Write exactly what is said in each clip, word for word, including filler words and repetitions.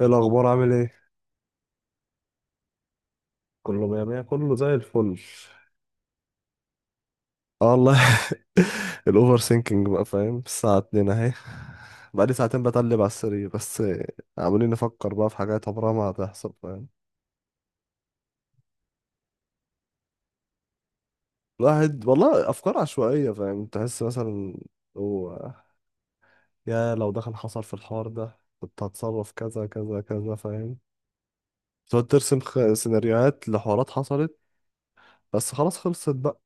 ايه الاخبار؟ عامل ايه؟ كله مية مية، كله زي الفل. اه والله. الاوفر سينكينج بقى، فاهم؟ الساعة اتنين اهي. بقالي ساعتين بتقلب على السرير بس. عمالين نفكر بقى في حاجات عمرها ما هتحصل، فاهم؟ الواحد والله افكار عشوائية، فاهم؟ تحس مثلا هو يا لو ده كان حصل في الحوار ده كنت هتصرف كذا كذا كذا، فاهم؟ تقعد ترسم خ- سيناريوهات لحوارات حصلت. بس خلاص، خلصت بقى.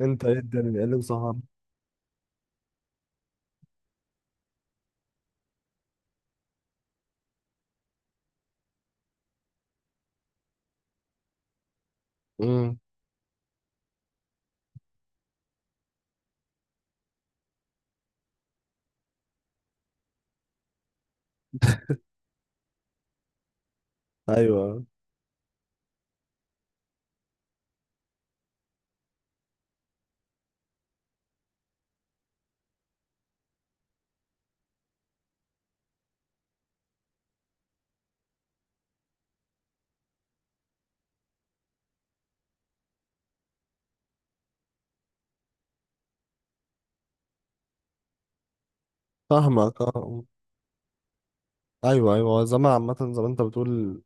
انت ايه؟ الدنيا ايه اللي مسهر؟ امم ايوه فاهمك اه. ايوه ايوه، هو الزمن عامة زي ما انت بتقول.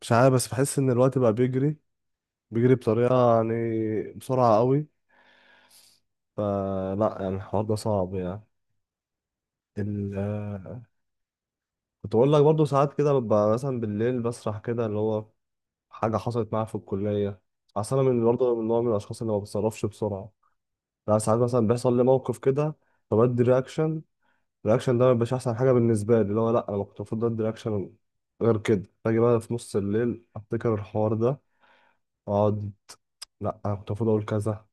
مش عارف بس بحس ان الوقت بقى بيجري، بيجري بطريقة يعني بسرعة قوي. فلا يعني الحوار ده صعب يعني. ال... آه، كنت بقول لك برضه ساعات كده ببقى مثلا بالليل بسرح كده، اللي هو حاجة حصلت معايا في الكلية. اصل انا من برضه من نوع من الاشخاص اللي ما بتصرفش بسرعة. لا ساعات مثلا بيحصل لي موقف كده فبدي رياكشن. الرياكشن ده ما بيبقاش احسن حاجة بالنسبة لي، اللي هو لا، انا كنت المفروض ادي رياكشن. غير كده باجي بقى في نص الليل افتكر الحوار ده واقعد: لا، انا كنت المفروض اقول كذا،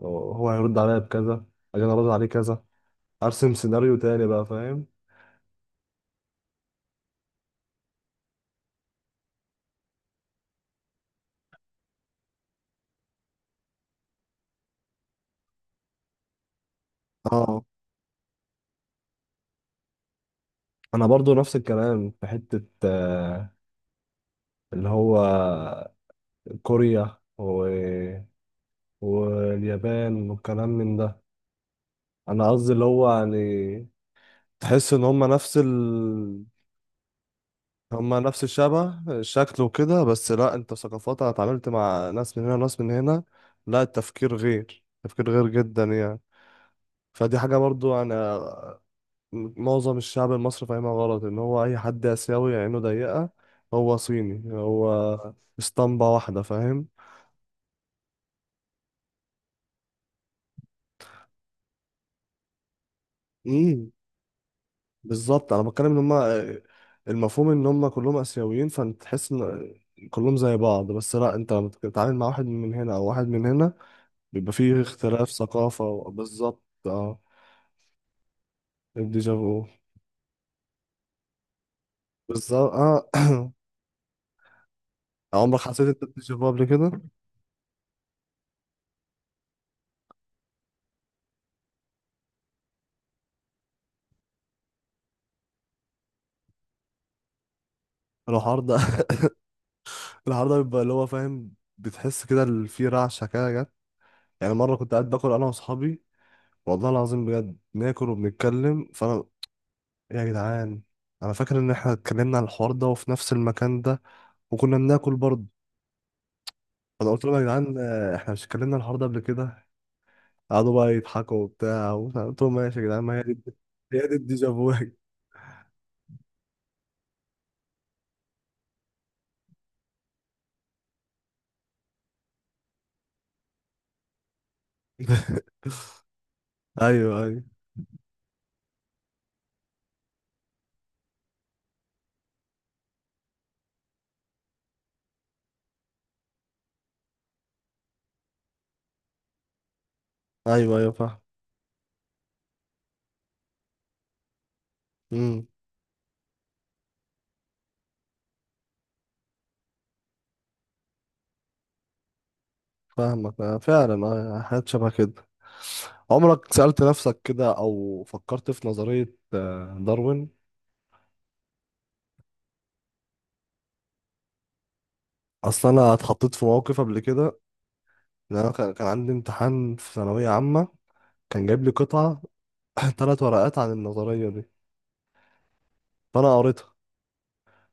هو هيرد عليا بكذا، اجي انا ارد عليه كذا. ارسم سيناريو تاني بقى، فاهم؟ اه انا برضو نفس الكلام في حتة آه، اللي هو كوريا و... واليابان والكلام من ده. انا قصدي اللي هو يعني تحس ان هم نفس ال... هم نفس الشبه، الشكل وكده، بس لا انت ثقافات. انا اتعاملت مع ناس من هنا وناس من هنا، لا التفكير غير، تفكير غير جدا يعني. فدي حاجة برضو أنا، معظم الشعب المصري فاهمها غلط، إن هو أي حد آسيوي عينه ضيقة هو صيني، هو اسطمبة واحدة، فاهم؟ امم بالظبط، أنا بتكلم إن هما المفهوم إن هما كلهم آسيويين فأنت تحس إن كلهم زي بعض. بس لأ، أنت لما بتتعامل مع واحد من هنا أو واحد من هنا بيبقى فيه اختلاف ثقافة و- بالظبط أه. الديجافو. بالظبط أه. عمرك حسيت أنت بديجافو قبل كده؟ الحوار ده العرضة بيبقى اللي هو، فاهم؟ بتحس كده ال- في رعشة كده جت. يعني مرة كنت قاعد باكل أنا وأصحابي، والله العظيم بجد ناكل وبنتكلم فأنا: يا جدعان، أنا فاكر إن إحنا اتكلمنا عن الحوار ده وفي نفس المكان ده وكنا بناكل برضه. فأنا قلت لهم: يا جدعان آه، إحنا مش اتكلمنا عن الحوار ده قبل كده؟ قعدوا بقى يضحكوا وبتاع ومش عارف. قلت لهم ماشي يا جدعان، ما هي دي، هي دي الديجافو. أيوه أيوه. أيوه أيوه فاهم. فاهمك آه، فعلا آه، حاجات شبه كده. عمرك سألت نفسك كده أو فكرت في نظرية آه، داروين؟ أصل أنا اتحطيت في موقف قبل كده، إن أنا كان كان عندي امتحان في ثانوية عامة، كان جايب لي قطعة ثلاث ورقات عن النظرية دي. فأنا قريتها،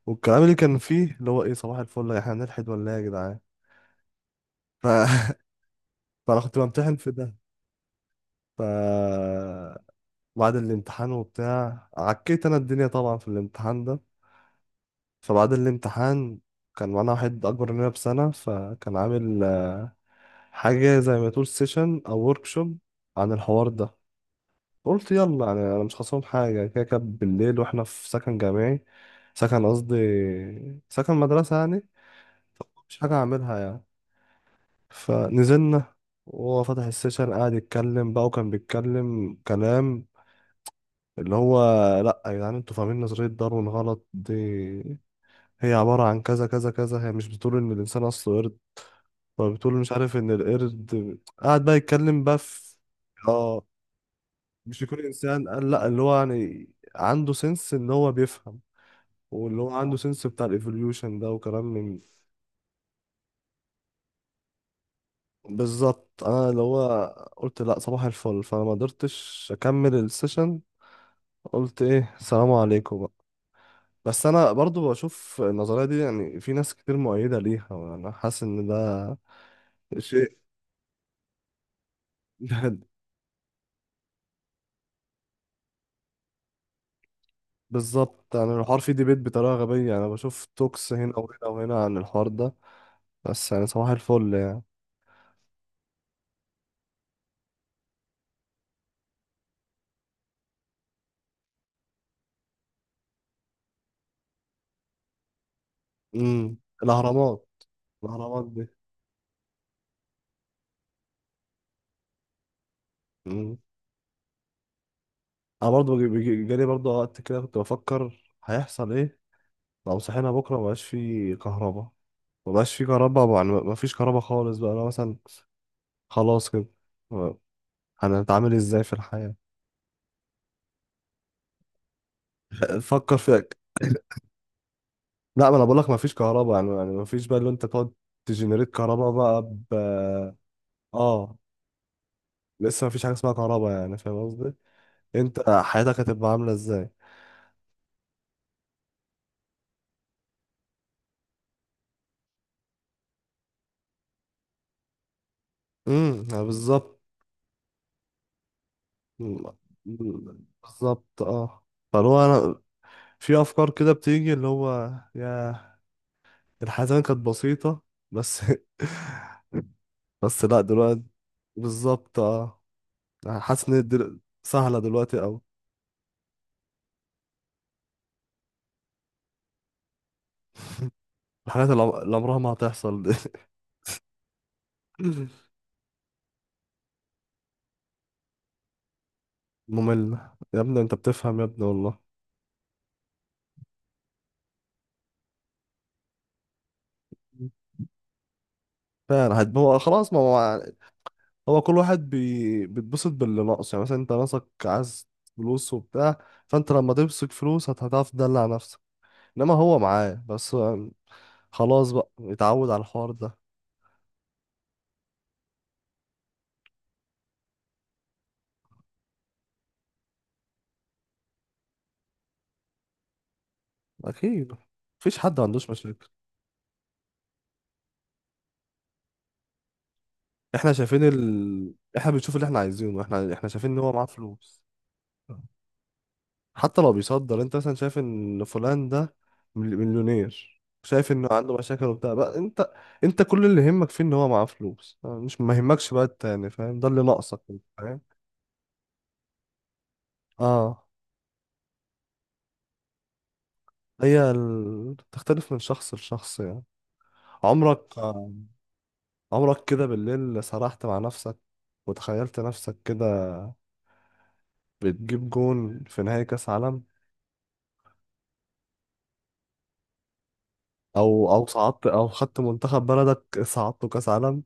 والكلام اللي كان فيه اللي هو إيه؟ صباح الفل، إحنا هنلحد ولا إيه يا جدعان؟ ف... فأنا كنت بمتحن في ده. ف بعد الامتحان وبتاع عكيت أنا الدنيا طبعا في الامتحان ده. فبعد الامتحان كان معانا واحد أكبر مننا بسنة، فكان عامل آه، حاجة زي ما تقول سيشن أو شوب عن الحوار ده. قلت يلا يعني، أنا مش خاصهم حاجة، كده كده بالليل وإحنا في سكن جامعي، سكن قصدي سكن مدرسة يعني، مش حاجة أعملها يعني. فنزلنا، وهو فتح السيشن قاعد يتكلم بقى، وكان بيتكلم كلام اللي هو: لأ يا جدعان، انتوا فاهمين نظرية داروين غلط، دي هي عبارة عن كذا كذا كذا، هي مش بتقول إن الإنسان أصله قرد. فبتقول مش عارف ان القرد قاعد بقى يتكلم بقى في، اه، مش يكون انسان، قال لا، اللي هو يعني عنده سنس ان هو بيفهم، واللي هو عنده سنس بتاع الايفوليوشن ده وكلام من، بالظبط. انا اللي هو قلت لا، صباح الفل. فانا ما قدرتش اكمل السيشن، قلت ايه السلام عليكم بقى. بس انا برضو بشوف النظريه دي يعني في ناس كتير مؤيده ليها وانا حاسس ان ده شيء. بالظبط، يعني الحوار فيه ديبيت بطريقة غبية يعني، بشوف توكس هنا وهنا وهنا عن الحوار ده. بس يعني صباح الفل يعني. امم الأهرامات. الأهرامات دي. امم. أنا برضه بيجي- بيجي- جالي برضه وقت كده كنت بفكر هيحصل إيه لو صحينا بكرة مبقاش فيه كهرباء؟ مبقاش فيه كهرباء يعني مفيش كهرباء خالص بقى، أنا مثلا، خلاص كده، هنتعامل إزاي في الحياة؟ فكر فيها. لا ما أنا بقولك مفيش كهرباء يعني، يعني مفيش بقى اللي أنت تقعد تجنريت كهرباء بقى. ب اه، لسه مفيش حاجه اسمها كهرباء يعني، فاهم قصدي؟ انت حياتك هتبقى عامله ازاي؟ امم، بالظبط. مم، بالظبط اه. فاللي هو انا، في افكار كده بتيجي اللي هو يا، الحياه زمان كانت بسيطه. بس بس لا دلوقتي. بالظبط اه. حاسس ان دل... سهله دلوقتي قوي. الحاجات اللي عم- اللي عمرها ما هتحصل دي. مملة يا ابني. انت بتفهم يا ابني والله. فعلا هت- هو خلاص، ما هو هو كل واحد بي... بيتبسط باللي ناقص يعني. مثلا انت ناقصك عايز فلوس وبتاع، فانت لما تمسك فلوس هت- هتعرف تدلع نفسك. انما هو معاه بس، هو خلاص بقى اتعود على الحوار ده. اكيد. مفيش حد ما عندوش مشاكل. احنا شايفين ال... احنا بنشوف اللي احنا عايزينه. احنا احنا شايفين ان هو معاه فلوس. حتى لو بيصدر، انت مثلا شايف ان فلان ده مل- مليونير، شايف انه عنده مشاكل وبتاع بقى، انت انت كل اللي يهمك فيه ان هو معاه فلوس، مش ما يهمكش بقى التاني، فاهم؟ ده اللي ناقصك. اه. هي ال... تختلف من شخص لشخص يعني. عمرك، عمرك كده بالليل سرحت مع نفسك وتخيلت نفسك كده بتجيب جون في نهائي كأس عالم؟ او او صعدت، او خدت منتخب بلدك صعدته كأس عالم؟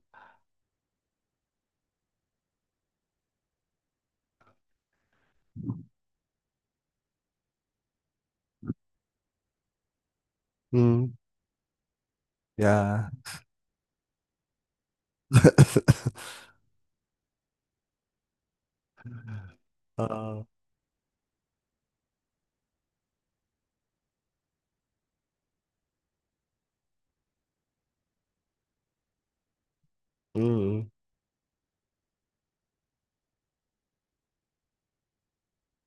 امم. يا. اه. امم.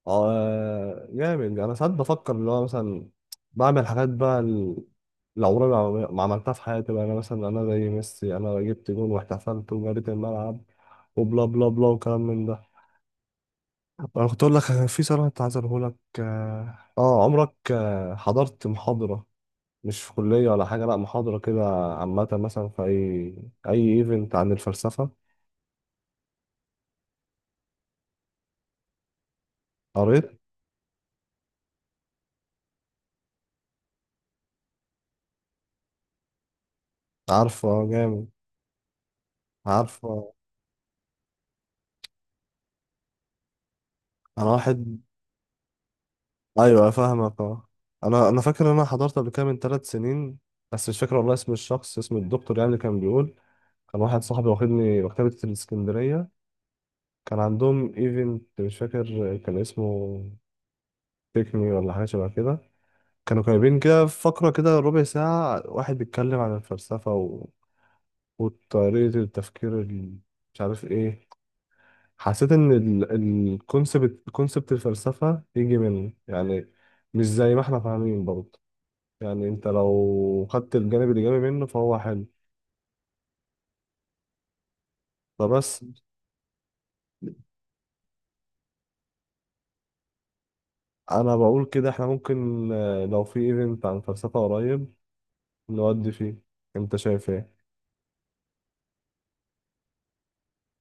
اه جامد. انا ساعات بفكر اللي هو مثلا بعمل حاجات بقى ال- اللي عمري ما ما عملتها في حياتي بقى، انا مثلا انا زي ميسي، انا جبت جون واحتفلت وجريت الملعب وبلا بلا بلا وكلام من ده. انا كنت اقول لك في سؤال كنت عايز اقوله لك اه آه، عمرك آه، حضرت محاضرة؟ مش في كلية ولا حاجة، لا محاضرة كده عامة مثلا، في اي اي ايفنت عن الفلسفة؟ قريت. عارفه آه، جامد. عارفه. انا واحد، ايوه فاهمك اه. انا انا فاكر ان انا حضرت قبل كده من ثلاث سنين. بس مش فاكر والله اسم الشخص، اسم الدكتور يعني اللي كان بيقول. كان واحد صاحبي واخدني مكتبة الاسكندرية، كان عندهم ايفنت مش فاكر كان اسمه تيك مي ولا حاجة شبه كده. كانوا جايبين كده فقرة كده ربع ساعة، واحد بيتكلم عن الفلسفة و... وطريقة التفكير ال... مش عارف ايه. حسيت ان الكونسبت، كونسبت الفلسفة يجي منه يعني، مش زي ما احنا فاهمين برضه. يعني انت لو خدت الجانب الإيجابي منه فهو حلو. فبس انا بقول كده احنا ممكن آه، لو في ايفنت عن فلسفة قريب نودي فيه. انت شايف ايه؟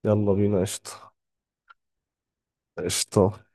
يلا بينا قشطة. قشطة.